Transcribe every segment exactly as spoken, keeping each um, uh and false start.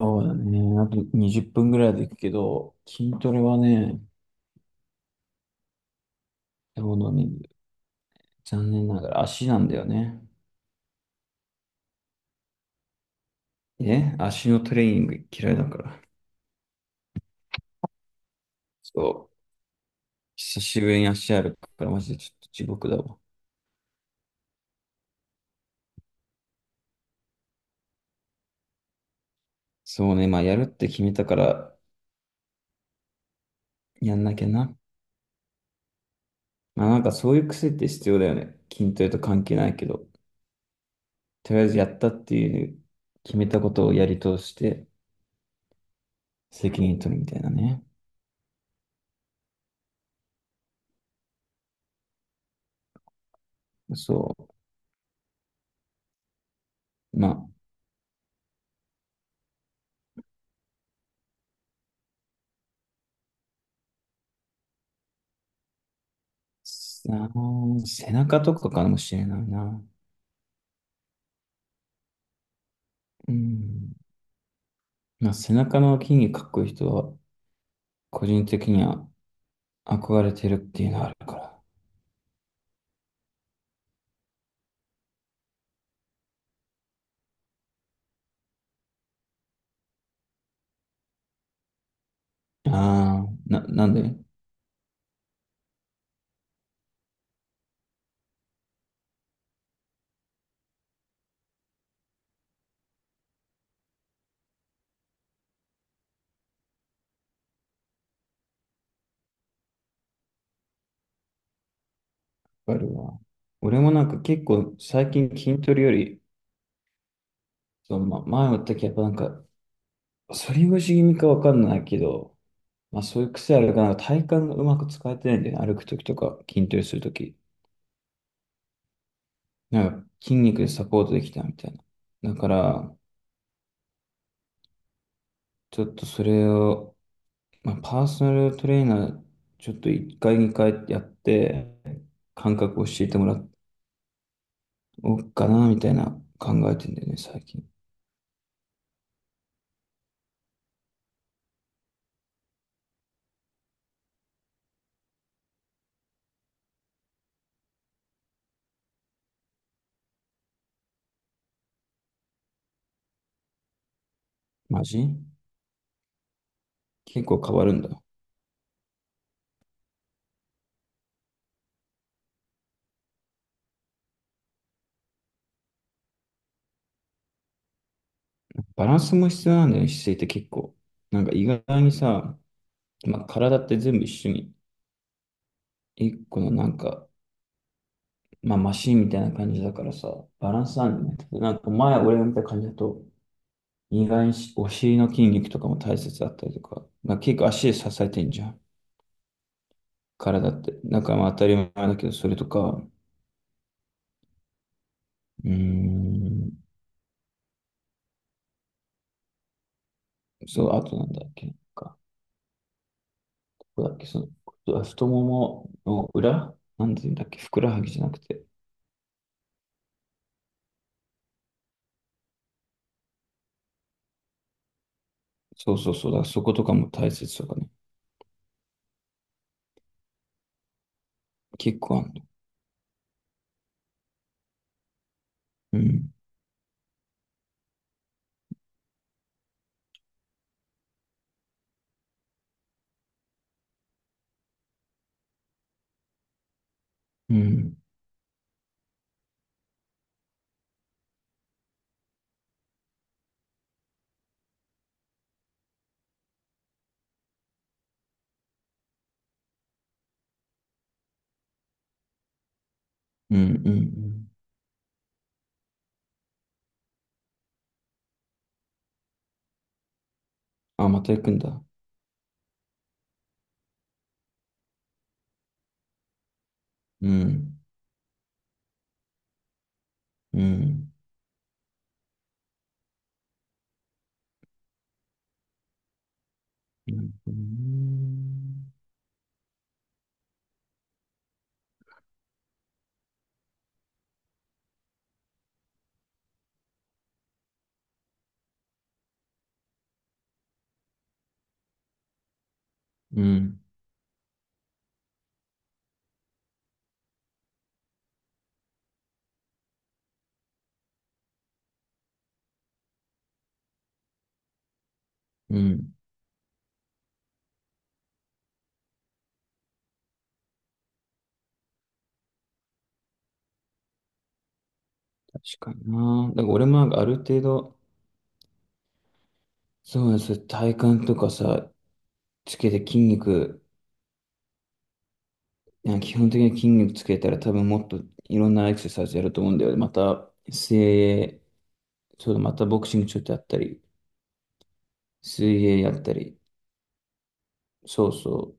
そうだね。あとにじゅっぷんぐらいで行くけど、筋トレはね、どうのね、残念ながら足なんだよね。え、足のトレーニング嫌いだから。そう。久しぶりに足あるから、マジでちょっと地獄だわ。そうね。まあ、やるって決めたから、やんなきゃな。まあ、なんかそういう癖って必要だよね。筋トレと関係ないけど、とりあえずやったっていう、決めたことをやり通して、責任取るみたいなね。そう。まあ、さあ、背中とかかもしれないな。うん。まあ、背中の筋肉かっこいい人は、個人的には憧れてるっていうのはあるから。ああ、な、なんであるわ。俺もなんか結構最近筋トレより、そう、ま、前も言ったけど、やっぱなんか、反り腰気味かわかんないけど、まあそういう癖あるから、なんか体幹がうまく使えてないんだよね。歩くときとか、筋トレするとき。なんか筋肉でサポートできたみたいな。だから、ちょっとそれを、まあ、パーソナルトレーナー、ちょっといっかいにかいやって、感覚を教えてもらおうかな、みたいな考えてんだよね、最近。マジ結構変わるんだ。バランスも必要なんだよね、姿勢って結構。なんか意外にさ、まあ、体って全部一緒に、一個のなんか、まあ、マシンみたいな感じだからさ、バランスなんだよね。なんか前俺が見た感じだと、意外にしお尻の筋肉とかも大切だったりとか、まあ、結構足で支えてんじゃん。からだって、なんかまあ当たり前だけど、それとか、うーん、そう、あとなんだっけ、なんか、ここだっけ、その、太ももの裏なんていうんだっけ、ふくらはぎじゃなくて、そうそうそう、だからそことかも大切とかね、結構あるの。うん、うん、うん、うん、うん。あ、また行くんだ。うん、うん、うん、うん、うん。確かにな。だから俺もなんかある程度、そうです、体幹とかさ、つけて筋肉、いや基本的に筋肉つけたら多分もっといろんなエクササイズやると思うんだよね。また、水泳、そうだ、またボクシングちょっとやったり、水泳やったり、そうそ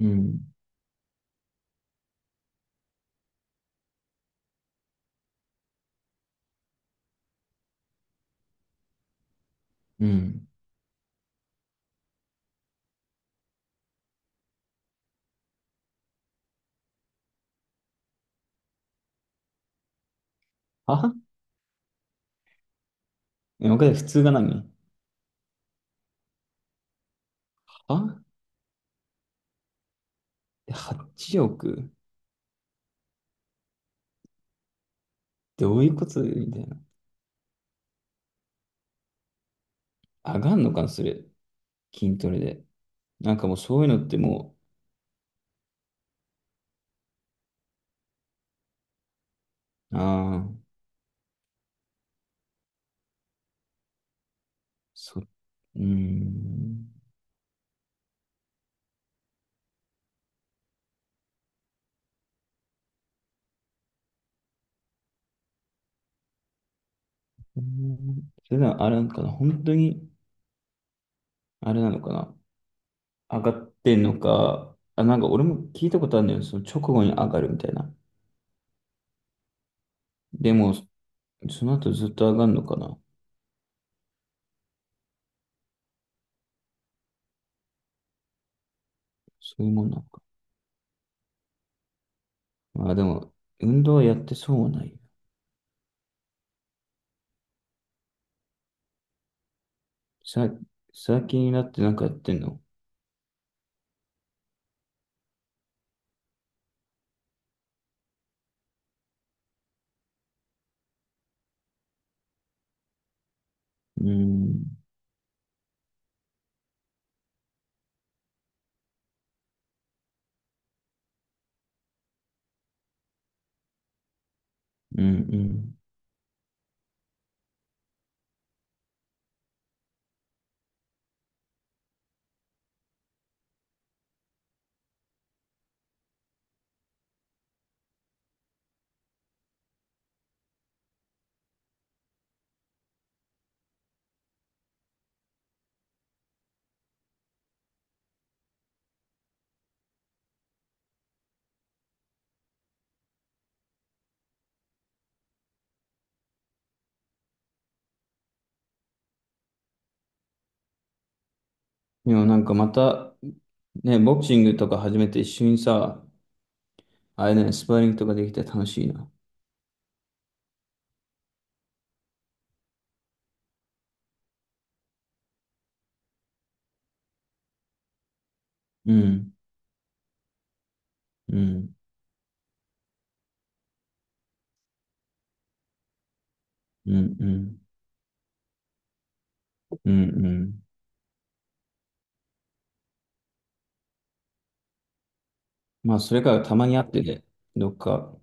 う。うん、うん。は、え、わかる普通が何は？ はち 億どういうことみたいな。上がんのかな、それ。筋トレで。なんかもうそういうのってもう、ああ、そ、うーん。うんそれならあれなのかな本当に、あれなのかな上がってんのか、あ、なんか俺も聞いたことあるんだよ。その直後に上がるみたいな。でも、その後ずっと上がるのかな。そういうもんなのか。まあでも、運動はやってそうはないよ。さ、最近になってなんかやってんの？うーん、うん、うん。でもなんかまた、ね、ボクシングとか始めて一緒にさ、あれね、スパーリングとかできて楽しいな。うん、うん、うん、うん、うん、うん。まあそれからたまに会ってね、どっか、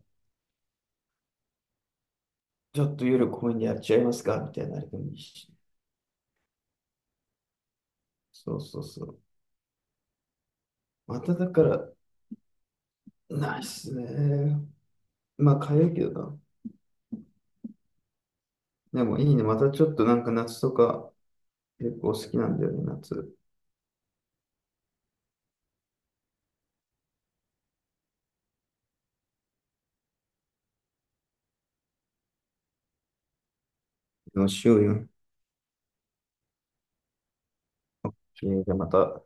ちょっと夜公園でやっちゃいますかみたいなあれでもいいし。そうそうそう。まただから、ないっすね。まあ、かゆいけどな。でもいいね。またちょっとなんか夏とか結構好きなんだよね、夏。でもしようよ。えーじゃあまた。